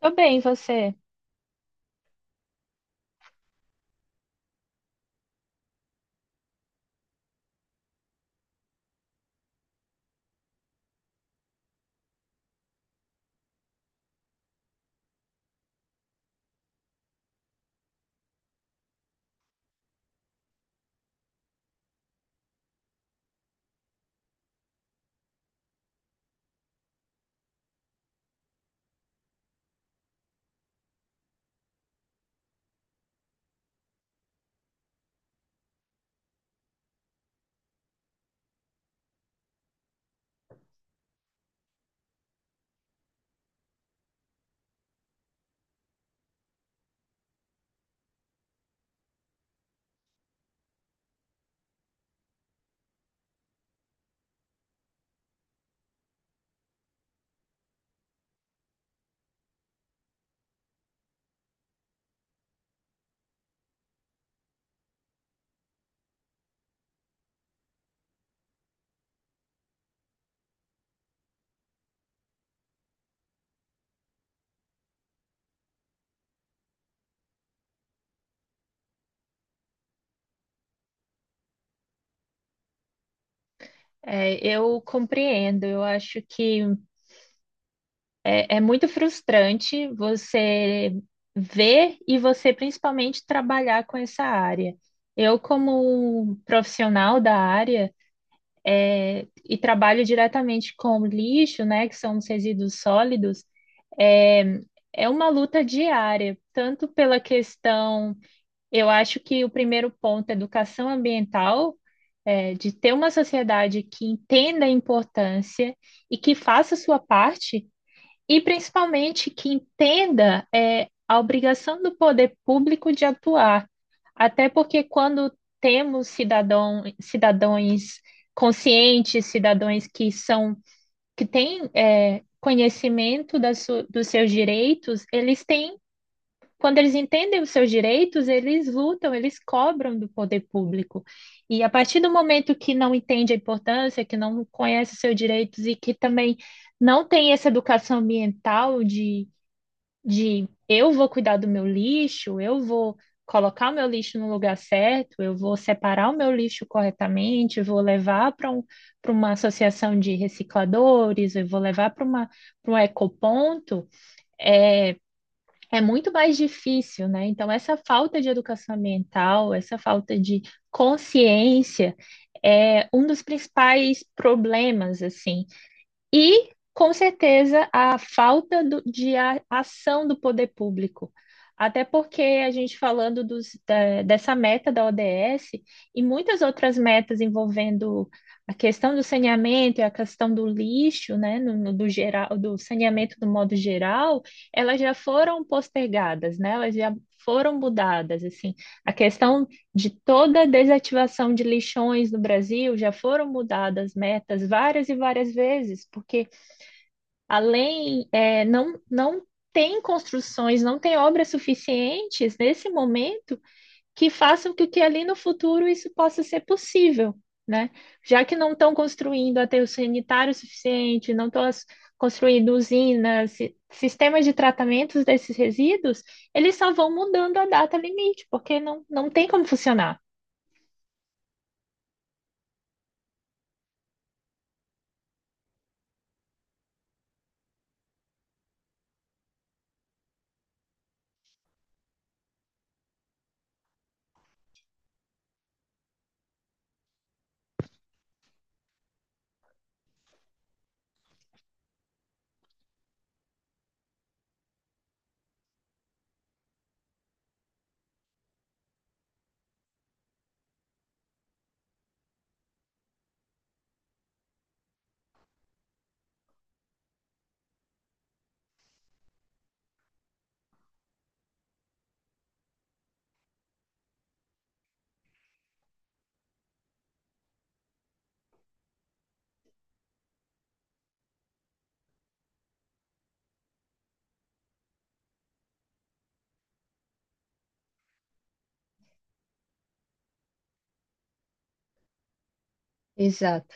Tô bem, você? Eu compreendo. Eu acho que é muito frustrante você ver e você principalmente trabalhar com essa área. Eu, como profissional da área e trabalho diretamente com lixo, né, que são os resíduos sólidos. é, É uma luta diária, tanto pela questão. Eu acho que o primeiro ponto é educação ambiental, de ter uma sociedade que entenda a importância e que faça a sua parte, e principalmente que entenda a obrigação do poder público de atuar. Até porque quando cidadãos conscientes, cidadãos que são, que têm conhecimento das dos seus direitos, eles têm, quando eles entendem os seus direitos, eles lutam, eles cobram do poder público. E a partir do momento que não entende a importância, que não conhece os seus direitos e que também não tem essa educação ambiental de eu vou cuidar do meu lixo, eu vou colocar o meu lixo no lugar certo, eu vou separar o meu lixo corretamente, eu vou levar para um, para uma associação de recicladores, eu vou levar para uma para um ecoponto, é muito mais difícil, né? Então, essa falta de educação ambiental, essa falta de consciência é um dos principais problemas, assim. E, com certeza, a falta ação do poder público. Até porque a gente falando dessa meta da ODS e muitas outras metas envolvendo a questão do saneamento e a questão do lixo, né, do geral, do saneamento do modo geral, elas já foram postergadas, né, elas já foram mudadas, assim. A questão de toda a desativação de lixões no Brasil, já foram mudadas metas várias e várias vezes, porque além, é, não, não tem construções, não tem obras suficientes nesse momento que façam com que ali no futuro isso possa ser possível, né? Já que não estão construindo aterro sanitário suficiente, não estão construindo usinas, sistemas de tratamentos desses resíduos, eles só vão mudando a data limite, porque não tem como funcionar. Exato.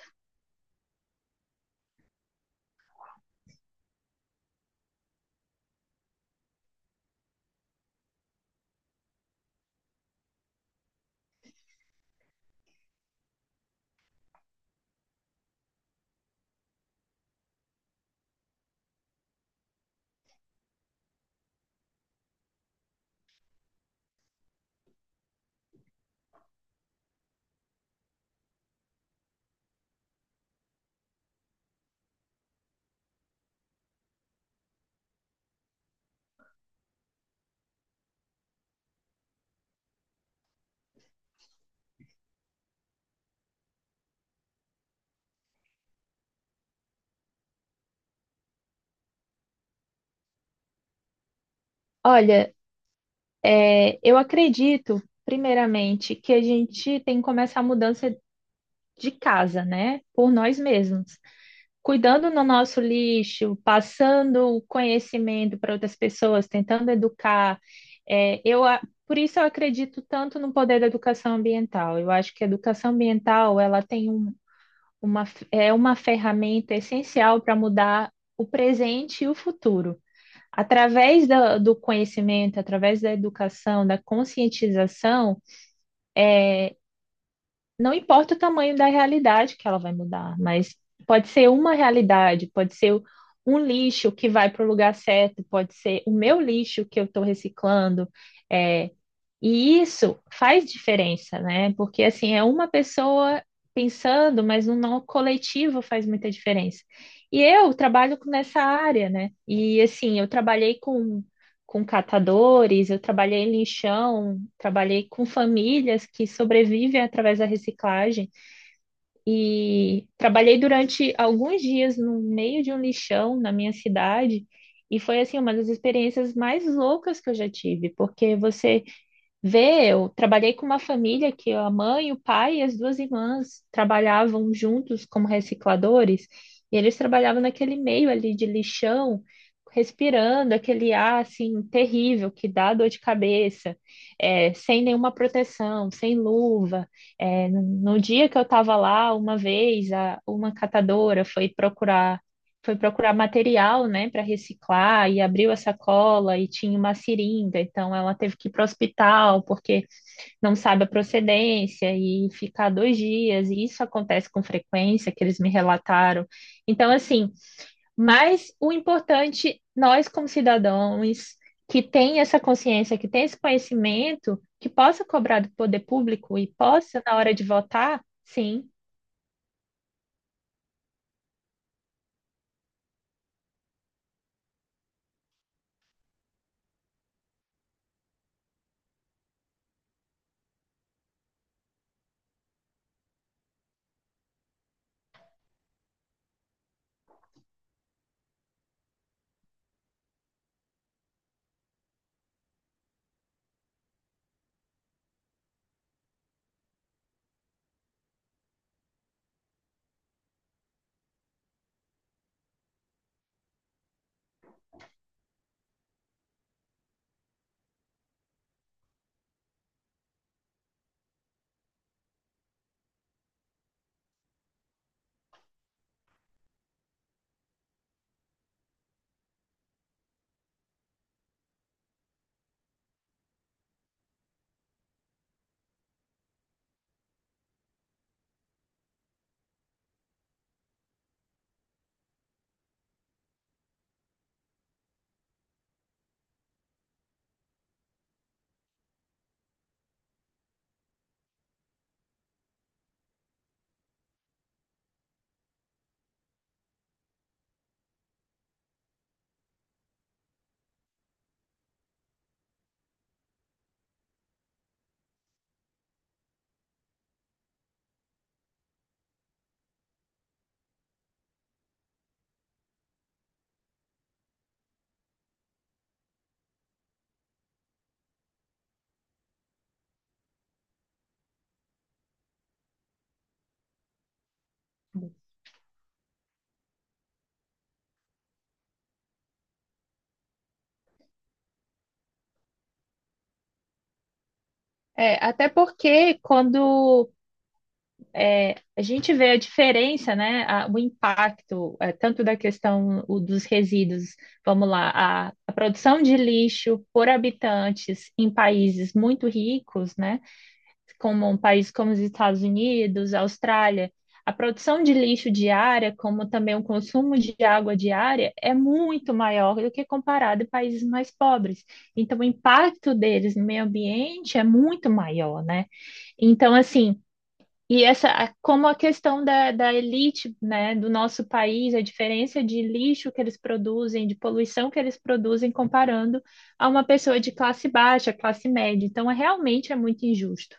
Olha, eu acredito, primeiramente, que a gente tem que começar a mudança de casa, né? Por nós mesmos. Cuidando no nosso lixo, passando o conhecimento para outras pessoas, tentando educar. É, eu, a- por isso eu acredito tanto no poder da educação ambiental. Eu acho que a educação ambiental, ela tem um, uma, é uma ferramenta essencial para mudar o presente e o futuro. Através da, do conhecimento, através da educação, da conscientização, não importa o tamanho da realidade que ela vai mudar, mas pode ser uma realidade, pode ser um lixo que vai para o lugar certo, pode ser o meu lixo que eu estou reciclando. é, e isso faz diferença, né? Porque assim, é uma pessoa pensando, mas no nó coletivo faz muita diferença. E eu nessa área, né? E assim, eu trabalhei com catadores, eu trabalhei em lixão, trabalhei com famílias que sobrevivem através da reciclagem. E trabalhei durante alguns dias no meio de um lixão na minha cidade. E foi assim uma das experiências mais loucas que eu já tive, porque você vê, eu trabalhei com uma família que a mãe, o pai e as duas irmãs trabalhavam juntos como recicladores, e eles trabalhavam naquele meio ali de lixão, respirando aquele ar assim terrível que dá dor de cabeça, sem nenhuma proteção, sem luva. No dia que eu estava lá, uma vez, uma catadora foi procurar material, né, para reciclar e abriu a sacola e tinha uma seringa, então ela teve que ir para o hospital porque não sabe a procedência e ficar dois dias, e isso acontece com frequência, que eles me relataram. Então, assim, mas o importante, nós como cidadãos que tem essa consciência, que tem esse conhecimento, que possa cobrar do poder público e possa, na hora de votar, sim. Até porque quando a gente vê a diferença, né? O impacto, tanto da questão o dos resíduos, vamos lá, a produção de lixo por habitantes em países muito ricos, né? Como um país como os Estados Unidos, Austrália, a produção de lixo diária, como também o consumo de água diária, é muito maior do que comparado a países mais pobres. Então, o impacto deles no meio ambiente é muito maior, né? Então, assim. E essa, como a questão da, da elite, né, do nosso país, a diferença de lixo que eles produzem, de poluição que eles produzem, comparando a uma pessoa de classe baixa, classe média. Então, é, realmente é muito injusto.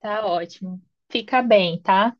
Tá ótimo. Fica bem, tá?